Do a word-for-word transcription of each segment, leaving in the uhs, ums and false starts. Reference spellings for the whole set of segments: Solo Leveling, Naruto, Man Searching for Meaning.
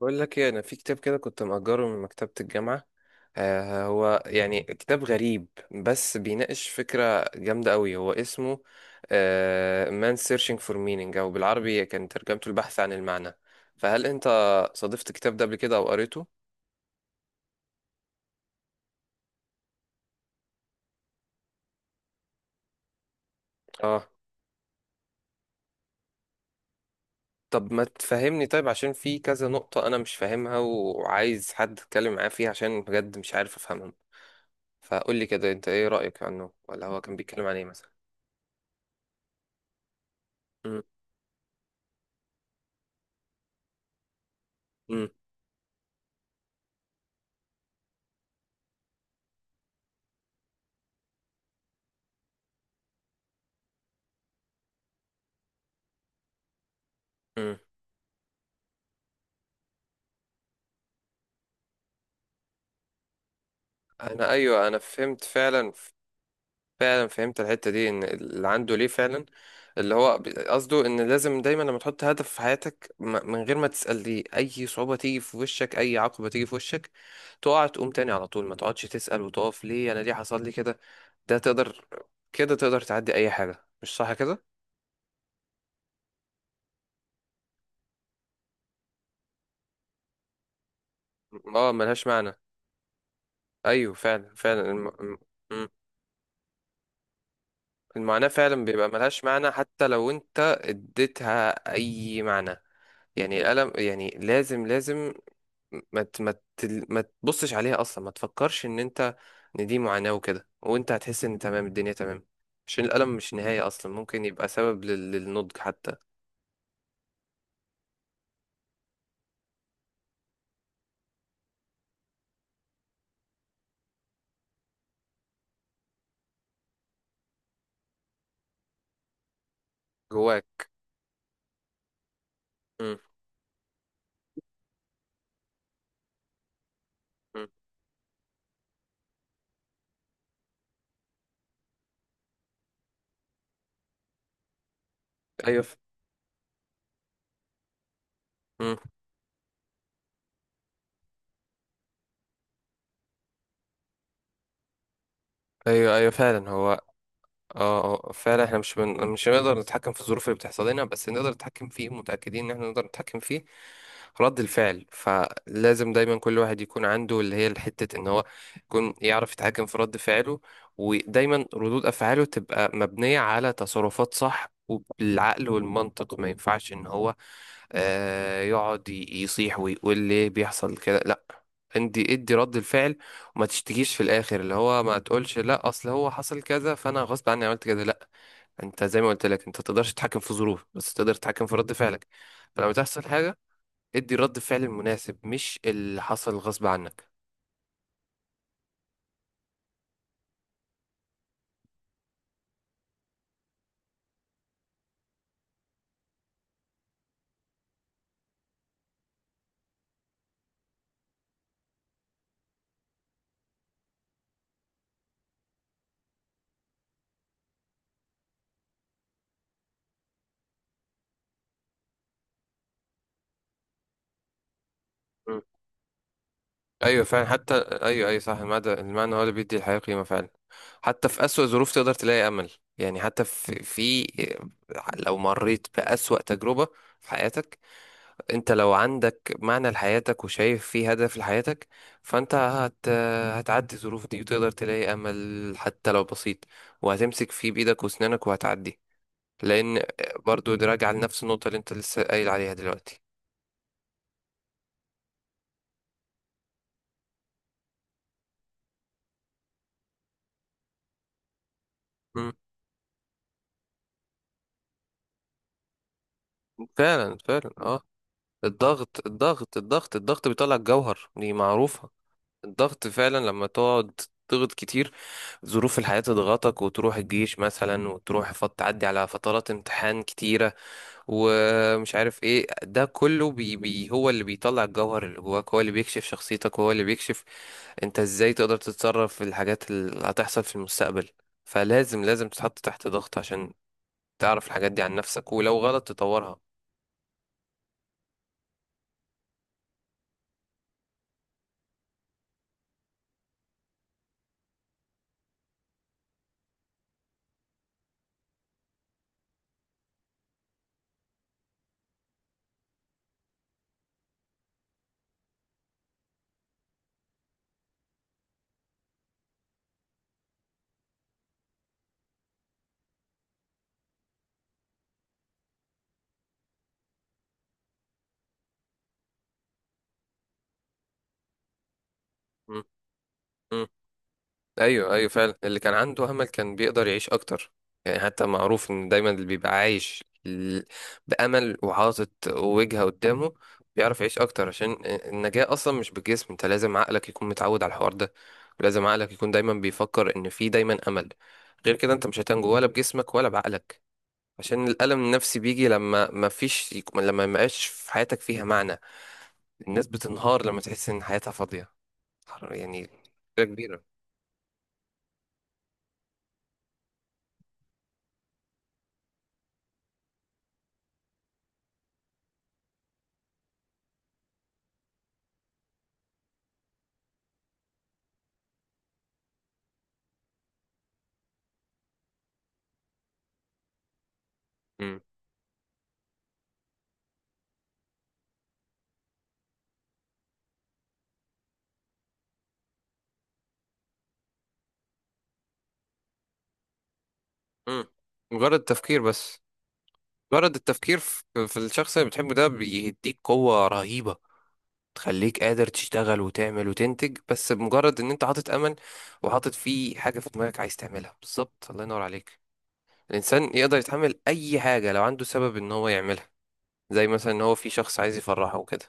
بقول لك ايه، انا في كتاب كده كنت مأجره من مكتبة الجامعة. آه هو يعني كتاب غريب بس بيناقش فكرة جامدة قوي، هو اسمه آه Man Searching for Meaning، او بالعربي كان ترجمته البحث عن المعنى. فهل انت صادفت الكتاب ده قبل كده او قريته؟ اه. طب ما تفهمني طيب، عشان في كذا نقطة انا مش فاهمها وعايز حد اتكلم معاه فيها عشان بجد مش عارف افهمهم. فقول لي كده، انت ايه رأيك عنه، ولا هو كان بيتكلم عن ايه مثلا؟ امم انا، ايوه، انا فهمت فعلا. فعلا فهمت الحته دي، ان اللي عنده ليه فعلا. اللي هو ب- قصده ان لازم دايما لما تحط هدف في حياتك، م- من غير ما تسال ليه، اي صعوبه تيجي في وشك، اي عقبه تيجي في وشك، تقع تقوم تاني على طول، ما تقعدش تسال وتقف ليه انا، ليه حصل لي كده. ده تقدر كده تقدر تعدي اي حاجه، مش صح كده؟ اه، ملهاش معنى. ايوه فعلا. فعلا الم... م- م- المعاناه فعلا بيبقى ملهاش معنى حتى لو انت اديتها اي معنى. يعني القلم يعني لازم لازم، ما ت- ما تل- ما تبصش عليها اصلا، ما تفكرش ان انت ان دي معاناة وكده، وانت هتحس ان تمام الدنيا تمام. عشان الألم مش نهاية اصلا، ممكن يبقى سبب لل- للنضج حتى. جواك. مم. مم. ايوه ف... مم. ايوه، ايوه فعلا هو. اه. اه فعلا احنا مش بن... مش هنقدر نتحكم في الظروف اللي بتحصل لنا، بس نقدر نتحكم فيه، متأكدين ان احنا نقدر نتحكم فيه رد الفعل. فلازم دايما كل واحد يكون عنده اللي هي الحتة، ان هو يكون يعرف يتحكم في رد فعله. ودايما ردود افعاله تبقى مبنية على تصرفات صح وبالعقل والمنطق. ما ينفعش ان هو آه يقعد ي- يصيح ويقول ليه بيحصل كده، لا. عندي ادي رد الفعل. ما تشتكيش في الاخر، اللي هو ما تقولش لا اصل هو حصل كذا فانا غصب عني عملت كذا، لا. انت زي ما قلت لك، انت تقدرش تتحكم في ظروف بس تقدر تتحكم في رد فعلك. فلما تحصل حاجه ادي رد فعل مناسب، مش اللي حصل غصب عنك. مم. ايوه فعلا، حتى. ايوه ايوه صح، المعنى، المعنى هو اللي بيدي الحياه قيمه فعلا. حتى في اسوأ ظروف تقدر تلاقي امل. يعني حتى في, في لو مريت بأسوأ تجربه في حياتك، انت لو عندك معنى لحياتك وشايف في هدف لحياتك، فانت هت... هتعدي الظروف دي وتقدر تلاقي امل حتى لو بسيط، وهتمسك فيه بايدك واسنانك وهتعدي، لان برضو ده راجع لنفس النقطة اللي انت لسه قايل عليها دلوقتي. مم. فعلا فعلا اه. الضغط، الضغط، الضغط، الضغط بيطلع الجوهر، دي معروفة. الضغط فعلا لما تقعد تضغط كتير، ظروف الحياة تضغطك وتروح الجيش مثلا، وتروح فت... تعدي على فترات امتحان كتيرة، ومش عارف ايه ده كله، بي بي هو اللي بيطلع الجوهر اللي جواك، هو اللي بيكشف شخصيتك، وهو اللي بيكشف انت ازاي تقدر تتصرف في الحاجات اللي هتحصل في المستقبل. فلازم لازم تتحط تحت ضغط عشان تعرف الحاجات دي عن نفسك، ولو غلط تطورها. م- م. ايوه ايوه فعلا، اللي كان عنده امل كان بيقدر يعيش اكتر. يعني حتى معروف ان دايما اللي بيبقى عايش ال- بامل وحاطط وجهه قدامه بيعرف يعيش اكتر، عشان النجاه اصلا مش بالجسم. انت لازم عقلك يكون متعود على الحوار ده، ولازم عقلك يكون دايما بيفكر ان في دايما امل. غير كده انت مش هتنجو ولا بجسمك ولا بعقلك، عشان الالم النفسي بيجي لما ما فيش لما ما يبقاش في حياتك فيها معنى. الناس بتنهار لما تحس ان حياتها فاضيه. يعني كبيره. مم. مجرد التفكير بس، مجرد التفكير في في الشخص اللي بتحبه ده بيديك قوة رهيبة، تخليك قادر تشتغل وتعمل وتنتج، بس بمجرد ان انت حاطط امل وحاطط فيه حاجة في دماغك عايز تعملها. بالظبط، الله ينور عليك. الانسان يقدر يتحمل اي حاجة لو عنده سبب ان هو يعملها، زي مثلا ان هو في شخص عايز يفرحه وكده.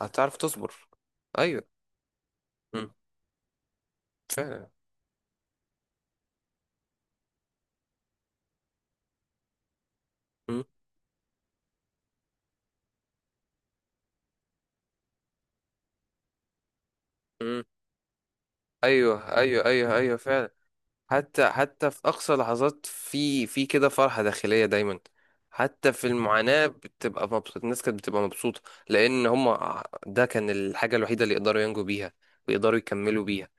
هتعرف تصبر. ايوه. مم. فعلا. مم. مم. ايوه ايوه ايوه ايوه فعلا. حتى حتى في أقصى لحظات، في في كده فرحة داخلية دايما. حتى في المعاناة بتبقى مبسوط، الناس كانت بتبقى مبسوطة، لأن هما ده كان الحاجة الوحيدة اللي يقدروا ينجوا بيها ويقدروا يكملوا بيها.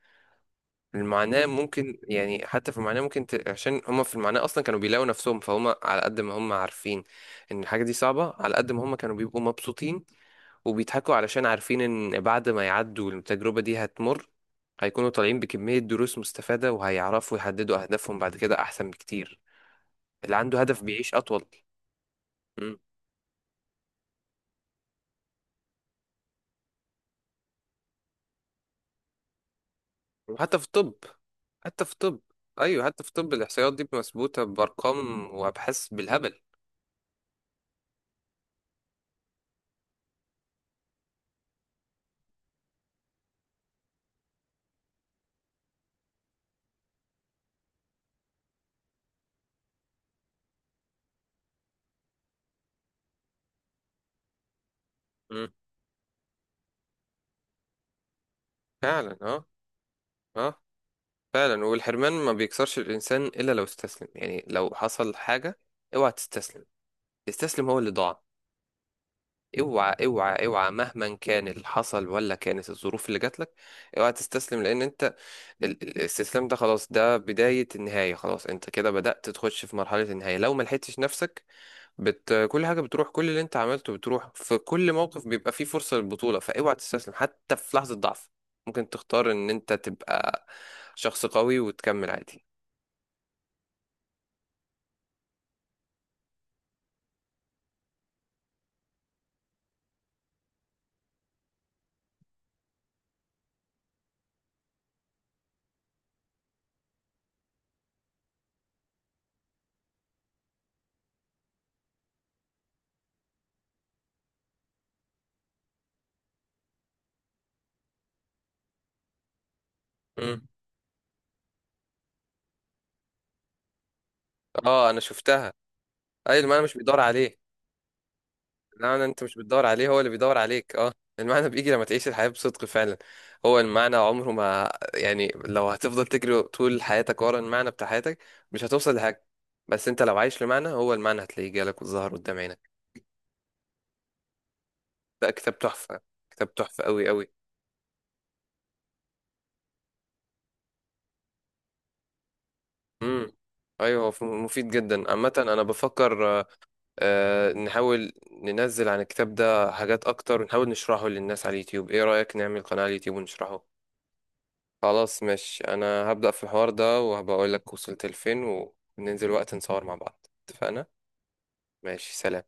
المعاناة ممكن، يعني حتى في المعاناة ممكن ت... عشان هما في المعاناة أصلا كانوا بيلاقوا نفسهم، فهم على قد ما هما عارفين إن الحاجة دي صعبة، على قد ما هما كانوا بيبقوا مبسوطين وبيضحكوا، علشان عارفين ان بعد ما يعدوا التجربة دي هتمر، هيكونوا طالعين بكمية دروس مستفادة، وهيعرفوا يحددوا أهدافهم بعد كده أحسن بكتير. اللي عنده هدف بيعيش أطول. مم. وحتى في الطب. حتى في الطب. أيوه، حتى في الطب الإحصائيات دي مثبوتة بأرقام وأبحاث بالهبل. مم. فعلا اه. اه فعلا، والحرمان ما بيكسرش الإنسان إلا لو استسلم. يعني لو حصل حاجة اوعى تستسلم، تستسلم هو اللي ضاع. اوعى اوعى اوعى، مهما كان اللي حصل، ولا كانت الظروف اللي جات لك، اوعى تستسلم، لان انت ال- ال- الاستسلام ده خلاص، ده بداية النهاية، خلاص انت كده بدأت تخش في مرحلة النهاية لو ما لحقتش نفسك. بت... كل حاجة بتروح، كل اللي انت عملته بتروح، في كل موقف بيبقى فيه فرصة للبطولة، فاوعى تستسلم. حتى في لحظة ضعف ممكن تختار ان انت تبقى شخص قوي وتكمل عادي. مم. اه، انا شفتها. اي ما انا مش بيدور عليه. المعنى انت مش بتدور عليه، هو اللي بيدور عليك. اه، المعنى بيجي لما تعيش الحياة بصدق فعلا. هو المعنى عمره ما، يعني لو هتفضل تجري طول حياتك ورا المعنى بتاع حياتك مش هتوصل لحاجة. بس انت لو عايش لمعنى، هو المعنى هتلاقيه جالك وظهر قدام عينك. ده كتاب تحفة، كتاب تحفة قوي قوي. امم ايوه، هو ف- مفيد جدا عامة. انا بفكر آه، آه، نحاول ننزل عن الكتاب ده حاجات اكتر، ونحاول نشرحه للناس على اليوتيوب. ايه رأيك نعمل قناة على اليوتيوب ونشرحه؟ خلاص ماشي، انا هبدأ في الحوار ده وهبقول لك وصلت لفين، وننزل وقت نصور مع بعض. اتفقنا. ماشي، سلام.